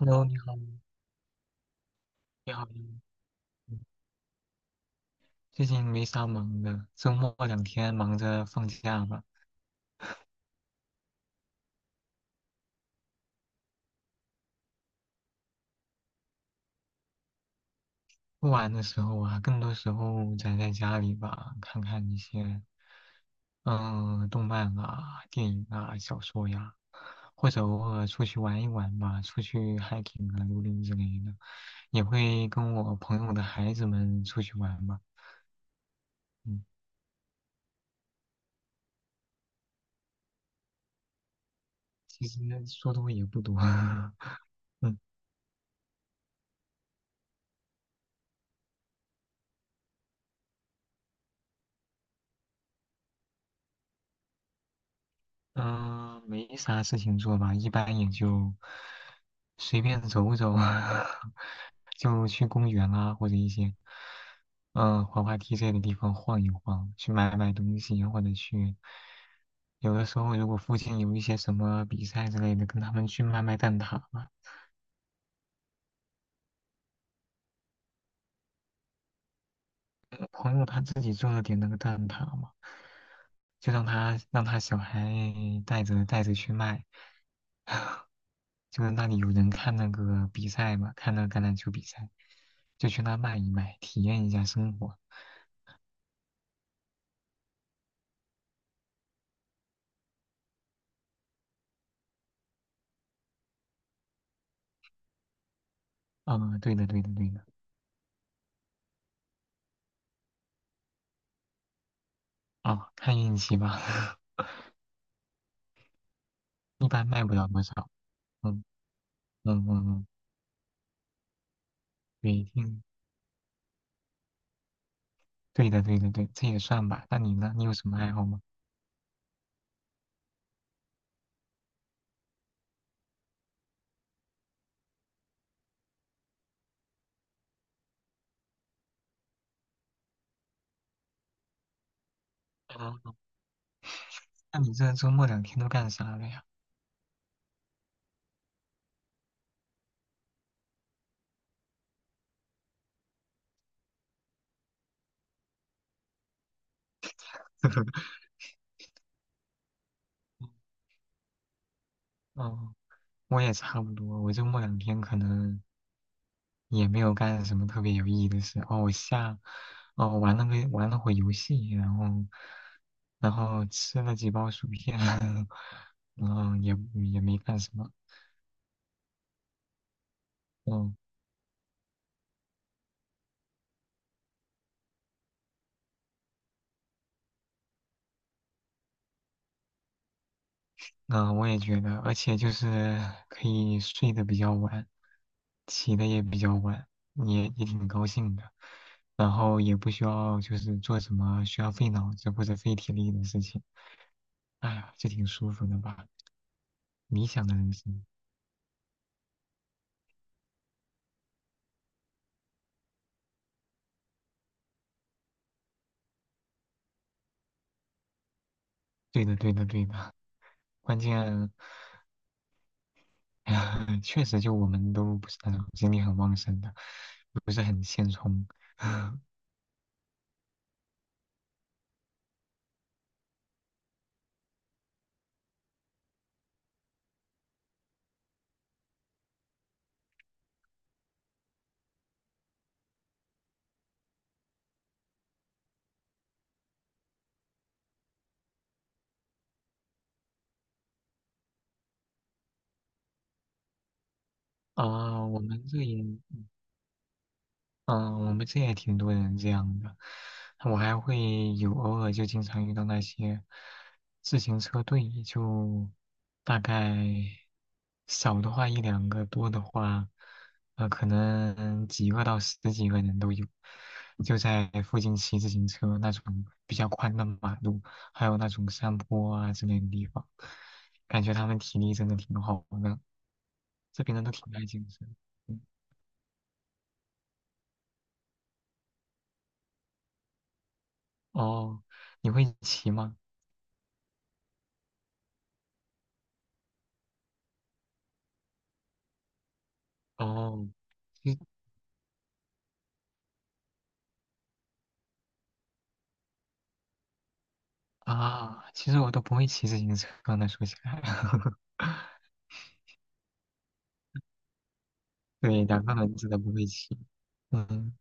Hello，你好，你好，你好。嗯最近没啥忙的，周末两天忙着放假吧。不玩的时候啊，更多时候宅在家里吧，看看一些动漫啊、电影啊、小说呀，或者偶尔出去玩一玩吧，出去 hiking 啊、露营之类的，也会跟我朋友的孩子们出去玩吧。嗯，其实说多也不多，嗯嗯、没啥事情做吧，一般也就随便走走，就去公园啊，或者一些滑滑梯这类的地方晃一晃，去买买东西，或者有的时候如果附近有一些什么比赛之类的，跟他们去卖卖蛋挞嘛。朋友他自己做了点那个蛋挞嘛，就让他小孩带着去卖。就是那里有人看那个比赛嘛，看那个橄榄球比赛，就去那卖一卖，体验一下生活。嗯，对的，对的，对的。哦，看运气吧，一般卖不了多少。嗯嗯嗯嗯，每一定。对的，对的，对，这也算吧。那你呢？你有什么爱好吗？哦，那你这周末两天都干啥了呀？嗯，我也差不多，我周末两天可能。也没有干什么特别有意义的事。哦，玩了会游戏，然后，然后吃了几包薯片，然后也没干什么。嗯，那我也觉得，而且就是可以睡得比较晚，起的也比较晚，也挺高兴的。然后也不需要就是做什么需要费脑子或者费体力的事情。哎呀，这挺舒服的吧？理想的人生。对的，对的，对的。关键 确实，就我们都不是那种精力很旺盛的，不是很现充。啊、我们这也嗯，我们这也挺多人这样的。我还会有偶尔就经常遇到那些自行车队，就大概少的话一两个，多的话，可能几个到十几个人都有，就在附近骑自行车那种比较宽的马路，还有那种山坡啊之类的地方，感觉他们体力真的挺好的，这边人都挺爱健身。嗯。哦，你会骑吗？哦，其实其实我都不会骑自行车呢，说起来，对，两个轮子都不会骑。嗯，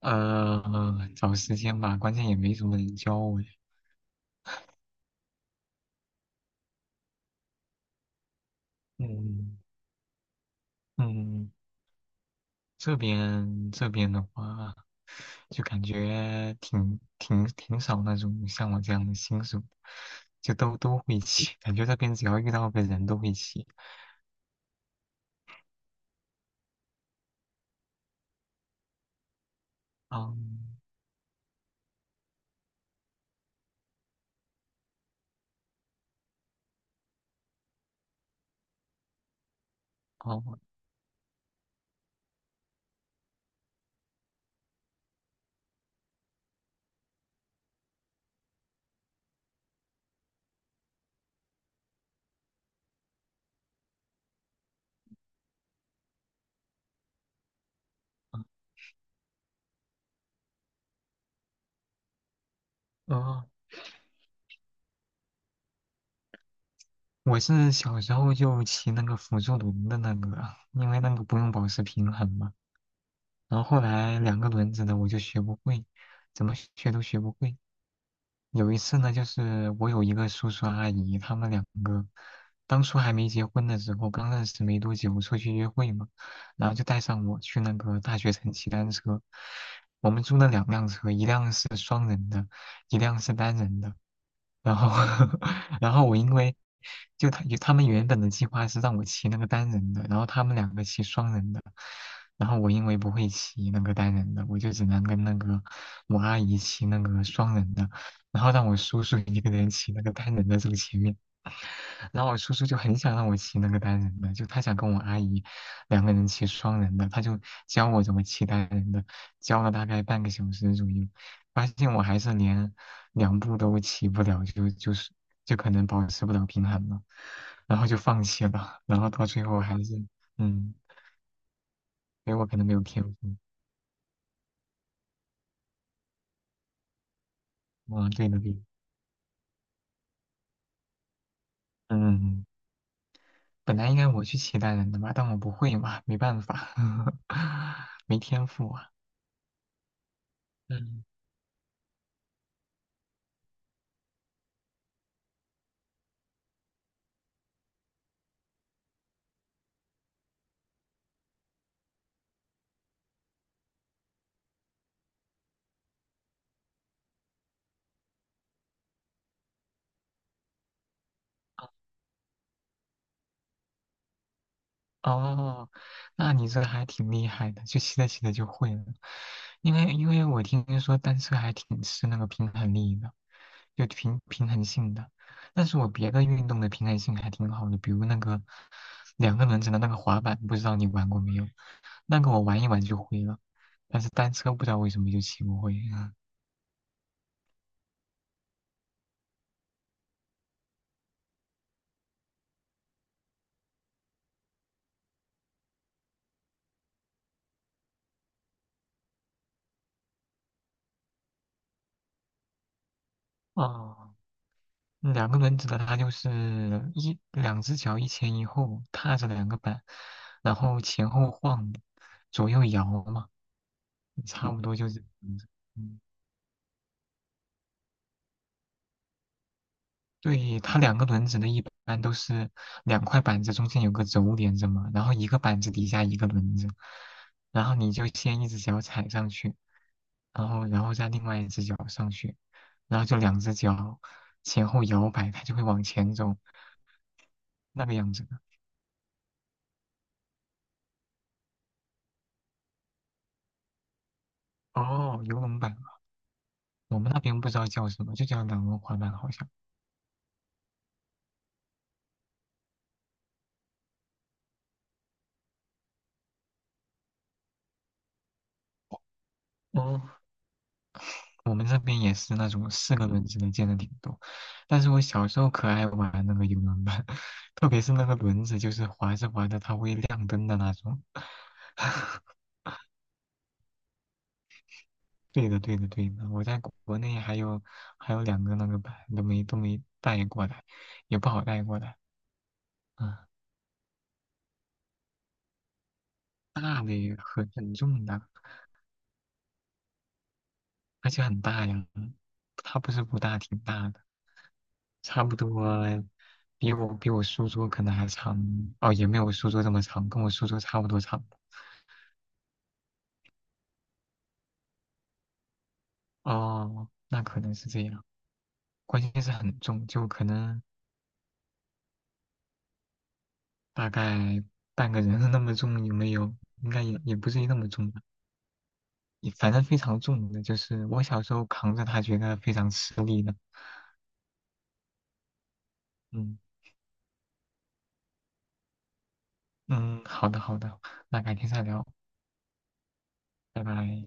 找时间吧，关键也没什么人教我呀。嗯嗯，这边的话，就感觉挺少那种像我这样的新手，就都会骑，感觉这边只要遇到个人都会骑。嗯，哦，嗯，哦。我是小时候就骑那个辅助轮的那个啊，因为那个不用保持平衡嘛。然后后来两个轮子的我就学不会，怎么学都学不会。有一次呢，就是我有一个叔叔阿姨，他们两个当初还没结婚的时候，刚认识没多久，出去约会嘛，然后就带上我去那个大学城骑单车。我们租了两辆车，一辆是双人的，一辆是单人的。然后 然后我因为他们原本的计划是让我骑那个单人的，然后他们两个骑双人的，然后我因为不会骑那个单人的，我就只能跟那个我阿姨骑那个双人的，然后让我叔叔一个人骑那个单人的走前面。然后我叔叔就很想让我骑那个单人的，就他想跟我阿姨两个人骑双人的，他就教我怎么骑单人的，教了大概半个小时左右，发现我还是连两步都骑不了，就可能保持不了平衡了，然后就放弃了，然后到最后还是嗯，因为我可能没有天赋，嗯，对的对的。嗯，嗯，本来应该我去骑单人的嘛，但我不会嘛，没办法，没天赋啊，嗯。哦，那你这还挺厉害的，就骑着骑着就会了。因为我听说单车还挺吃那个平衡力的，就平衡性的。但是我别的运动的平衡性还挺好的，比如那个两个轮子的那个滑板，不知道你玩过没有？那个我玩一玩就会了，但是单车不知道为什么就骑不会。哦，两个轮子的它就是一两只脚一前一后踏着两个板，然后前后晃，左右摇嘛，差不多就是这样子。嗯，对，它两个轮子的，一般都是两块板子中间有个轴连着嘛，然后一个板子底下一个轮子，然后你就先一只脚踩上去，然后再另外一只脚上去，然后就两只脚前后摇摆，它就会往前走，那个样子的。哦，游龙板。我们那边不知道叫什么，就叫两轮滑板好像。哦，我们这边也是那种四个轮子的，见的挺多。但是我小时候可爱玩那个游轮板，特别是那个轮子，就是滑着滑着它会亮灯的那种。对的，对的，对的。我在国内还有两个那个板都没带过来，也不好带过来。嗯，大的也很重的，而且很大呀。它不是不大，挺大的。差不多比我书桌可能还长，哦，也没有我书桌这么长，跟我书桌差不多长。哦，那可能是这样。关键是很重，就可能大概半个人那么重，有没有？应该也也不至于那么重吧，也反正非常重的，就是我小时候扛着它，觉得非常吃力的。嗯嗯，好的好的，那改天再聊，拜拜。